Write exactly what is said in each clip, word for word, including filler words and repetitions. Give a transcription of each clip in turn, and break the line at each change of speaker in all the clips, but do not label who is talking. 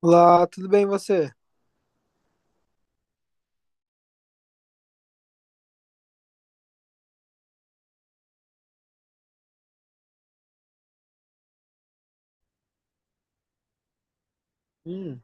Olá, tudo bem você? Hum.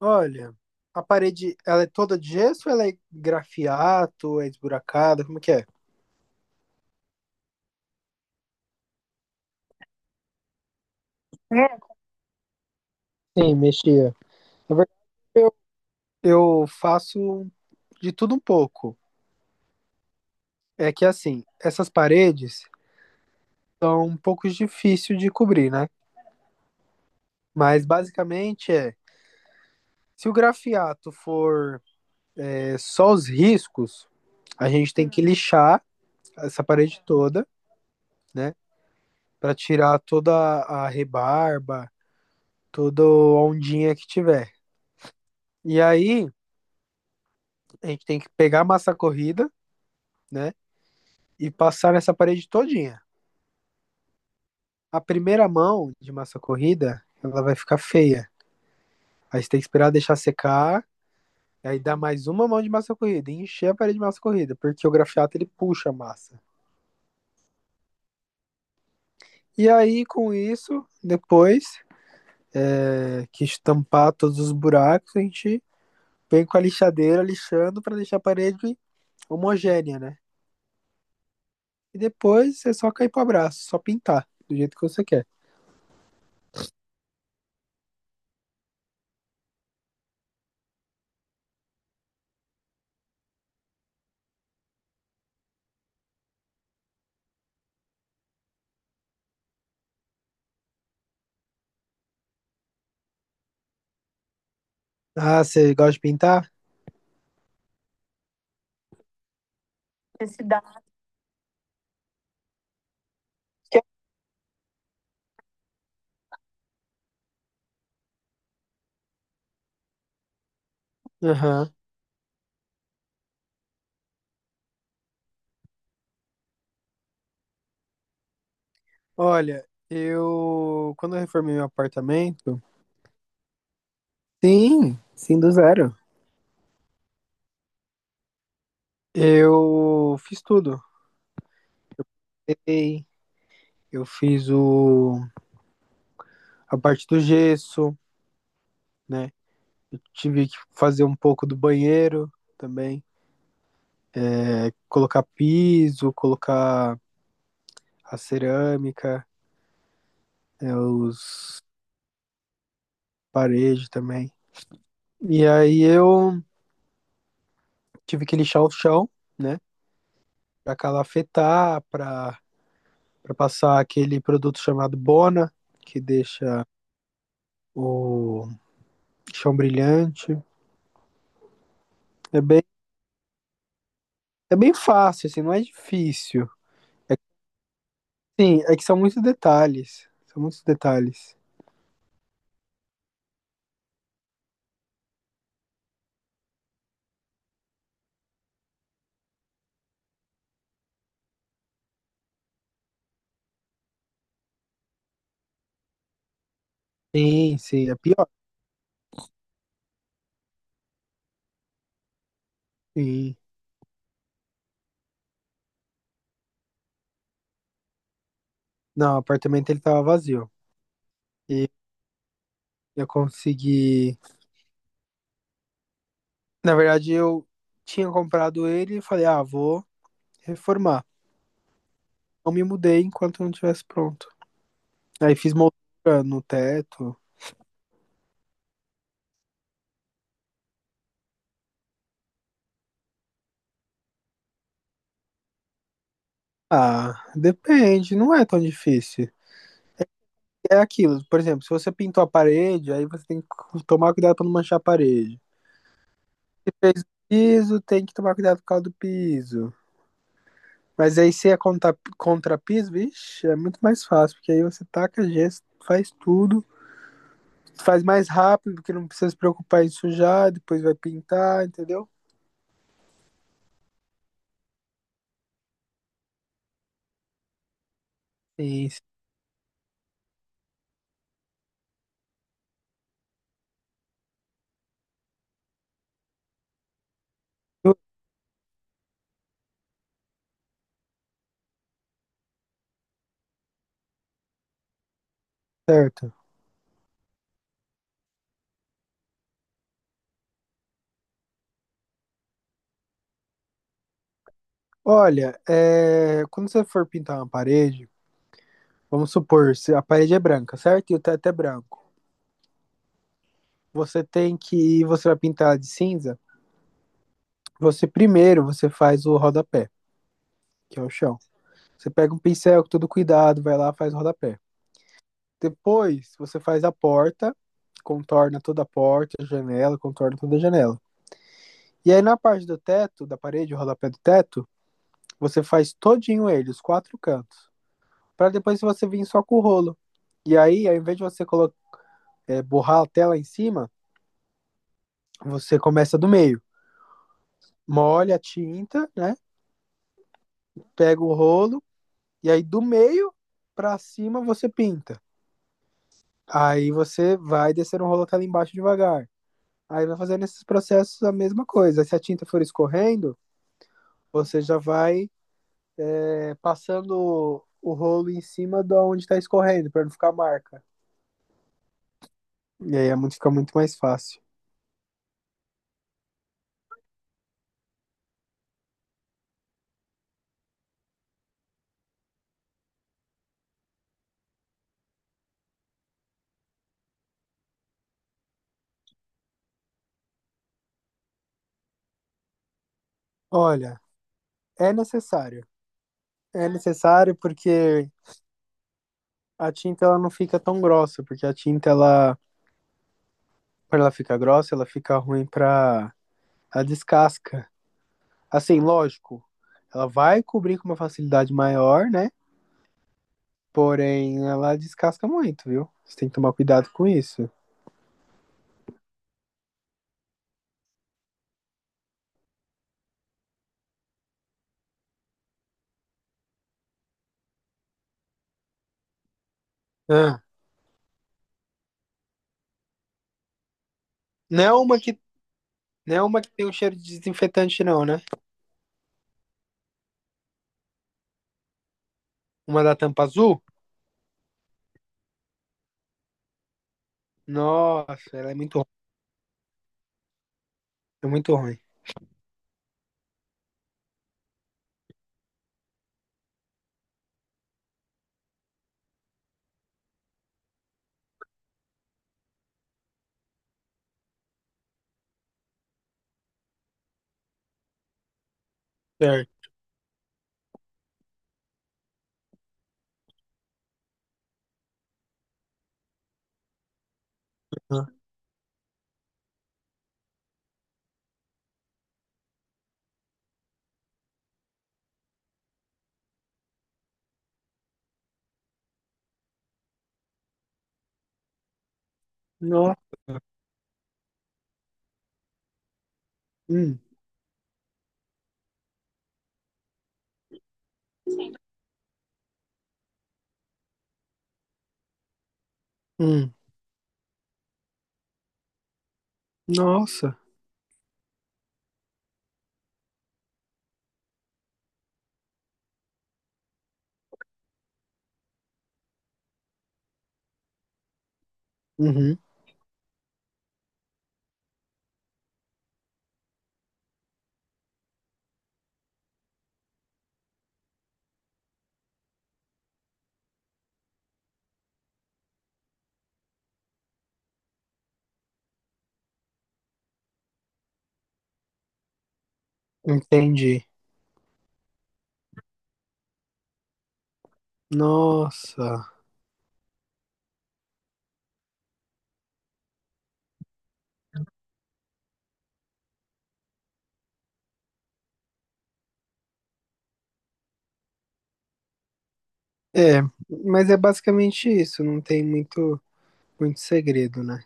Olha, a parede, ela é toda de gesso ou ela é grafiato, é esburacada, como que é? Sim, mexia. Na verdade, eu, eu faço de tudo um pouco. É que assim, essas paredes são um pouco difíceis de cobrir, né? Mas basicamente é, se o grafiato for é, só os riscos, a gente tem que lixar essa parede toda, né? Para tirar toda a rebarba, toda ondinha que tiver. E aí, a gente tem que pegar a massa corrida, né? E passar nessa parede todinha. A primeira mão de massa corrida, ela vai ficar feia. Aí você tem que esperar deixar secar, e aí dá mais uma mão de massa corrida, e encher a parede de massa corrida, porque o grafiato ele puxa a massa. E aí, com isso, depois é, que estampar todos os buracos, a gente vem com a lixadeira lixando para deixar a parede homogênea, né? E depois é só cair pro abraço, só pintar do jeito que você quer. Ah, você gosta de pintar? Esse dá. Aham. Olha, eu. Quando eu reformei meu apartamento. Sim, sim, do zero. Eu fiz tudo. Ei, eu fiz o... a parte do gesso, né? Eu tive que fazer um pouco do banheiro também. É, colocar piso, colocar a cerâmica, é, os paredes também. E aí eu tive que lixar o chão, né? Pra calafetar, pra para passar aquele produto chamado Bona, que deixa o chão brilhante. É bem, é bem fácil, assim, não é difícil. É, que, sim, é que são muitos detalhes. São muitos detalhes. Sim, sim, é pior. Sim. Não, o apartamento ele tava vazio. E eu consegui. Na verdade, eu tinha comprado ele e falei, ah, vou reformar. Não me mudei enquanto não tivesse pronto. Aí fiz moldura no teto. Ah, depende, não é tão difícil. É aquilo. Por exemplo, se você pintou a parede, aí você tem que cu- tomar cuidado para não manchar a parede. Se fez o piso, tem que tomar cuidado por causa do piso. Mas aí se é contra, contra piso, vixe, é muito mais fácil, porque aí você taca gesso, faz tudo, faz mais rápido, porque não precisa se preocupar em sujar, depois vai pintar, entendeu? Isso, tudo certo. Olha, é, quando você for pintar uma parede, vamos supor, se a parede é branca, certo? E o teto é branco. Você tem que, você vai pintar de cinza. Você primeiro você faz o rodapé, que é o chão. Você pega um pincel com todo cuidado, vai lá, faz o rodapé. Depois você faz a porta, contorna toda a porta, a janela, contorna toda a janela. E aí na parte do teto, da parede, o rodapé do teto, você faz todinho ele, os quatro cantos. Para depois você vir só com o rolo. E aí, ao invés de você colocar, é, borrar a tela em cima, você começa do meio. Molha a tinta, né? Pega o rolo, e aí do meio para cima você pinta. Aí você vai descer um rolo até lá embaixo devagar. Aí vai fazendo esses processos a mesma coisa. Se a tinta for escorrendo, você já vai é, passando o rolo em cima de onde está escorrendo, para não ficar marca. E aí a mão fica muito mais fácil. Olha, é necessário. É necessário porque a tinta ela não fica tão grossa, porque a tinta ela, para ela ficar grossa, ela fica ruim para a descasca. Assim, lógico, ela vai cobrir com uma facilidade maior, né? Porém, ela descasca muito, viu? Você tem que tomar cuidado com isso. Ah, não é uma que, não é uma que tem um cheiro de desinfetante, não, né? Uma da tampa azul? Nossa, ela é muito, ru- é muito ruim. Certo. Ah, nossa. Hum, hum. Nossa. Uhum. Entendi. Nossa. É, mas é basicamente isso. Não tem muito, muito segredo, né?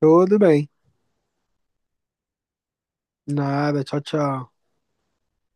Tudo bem. Nada. Tchau, tchau.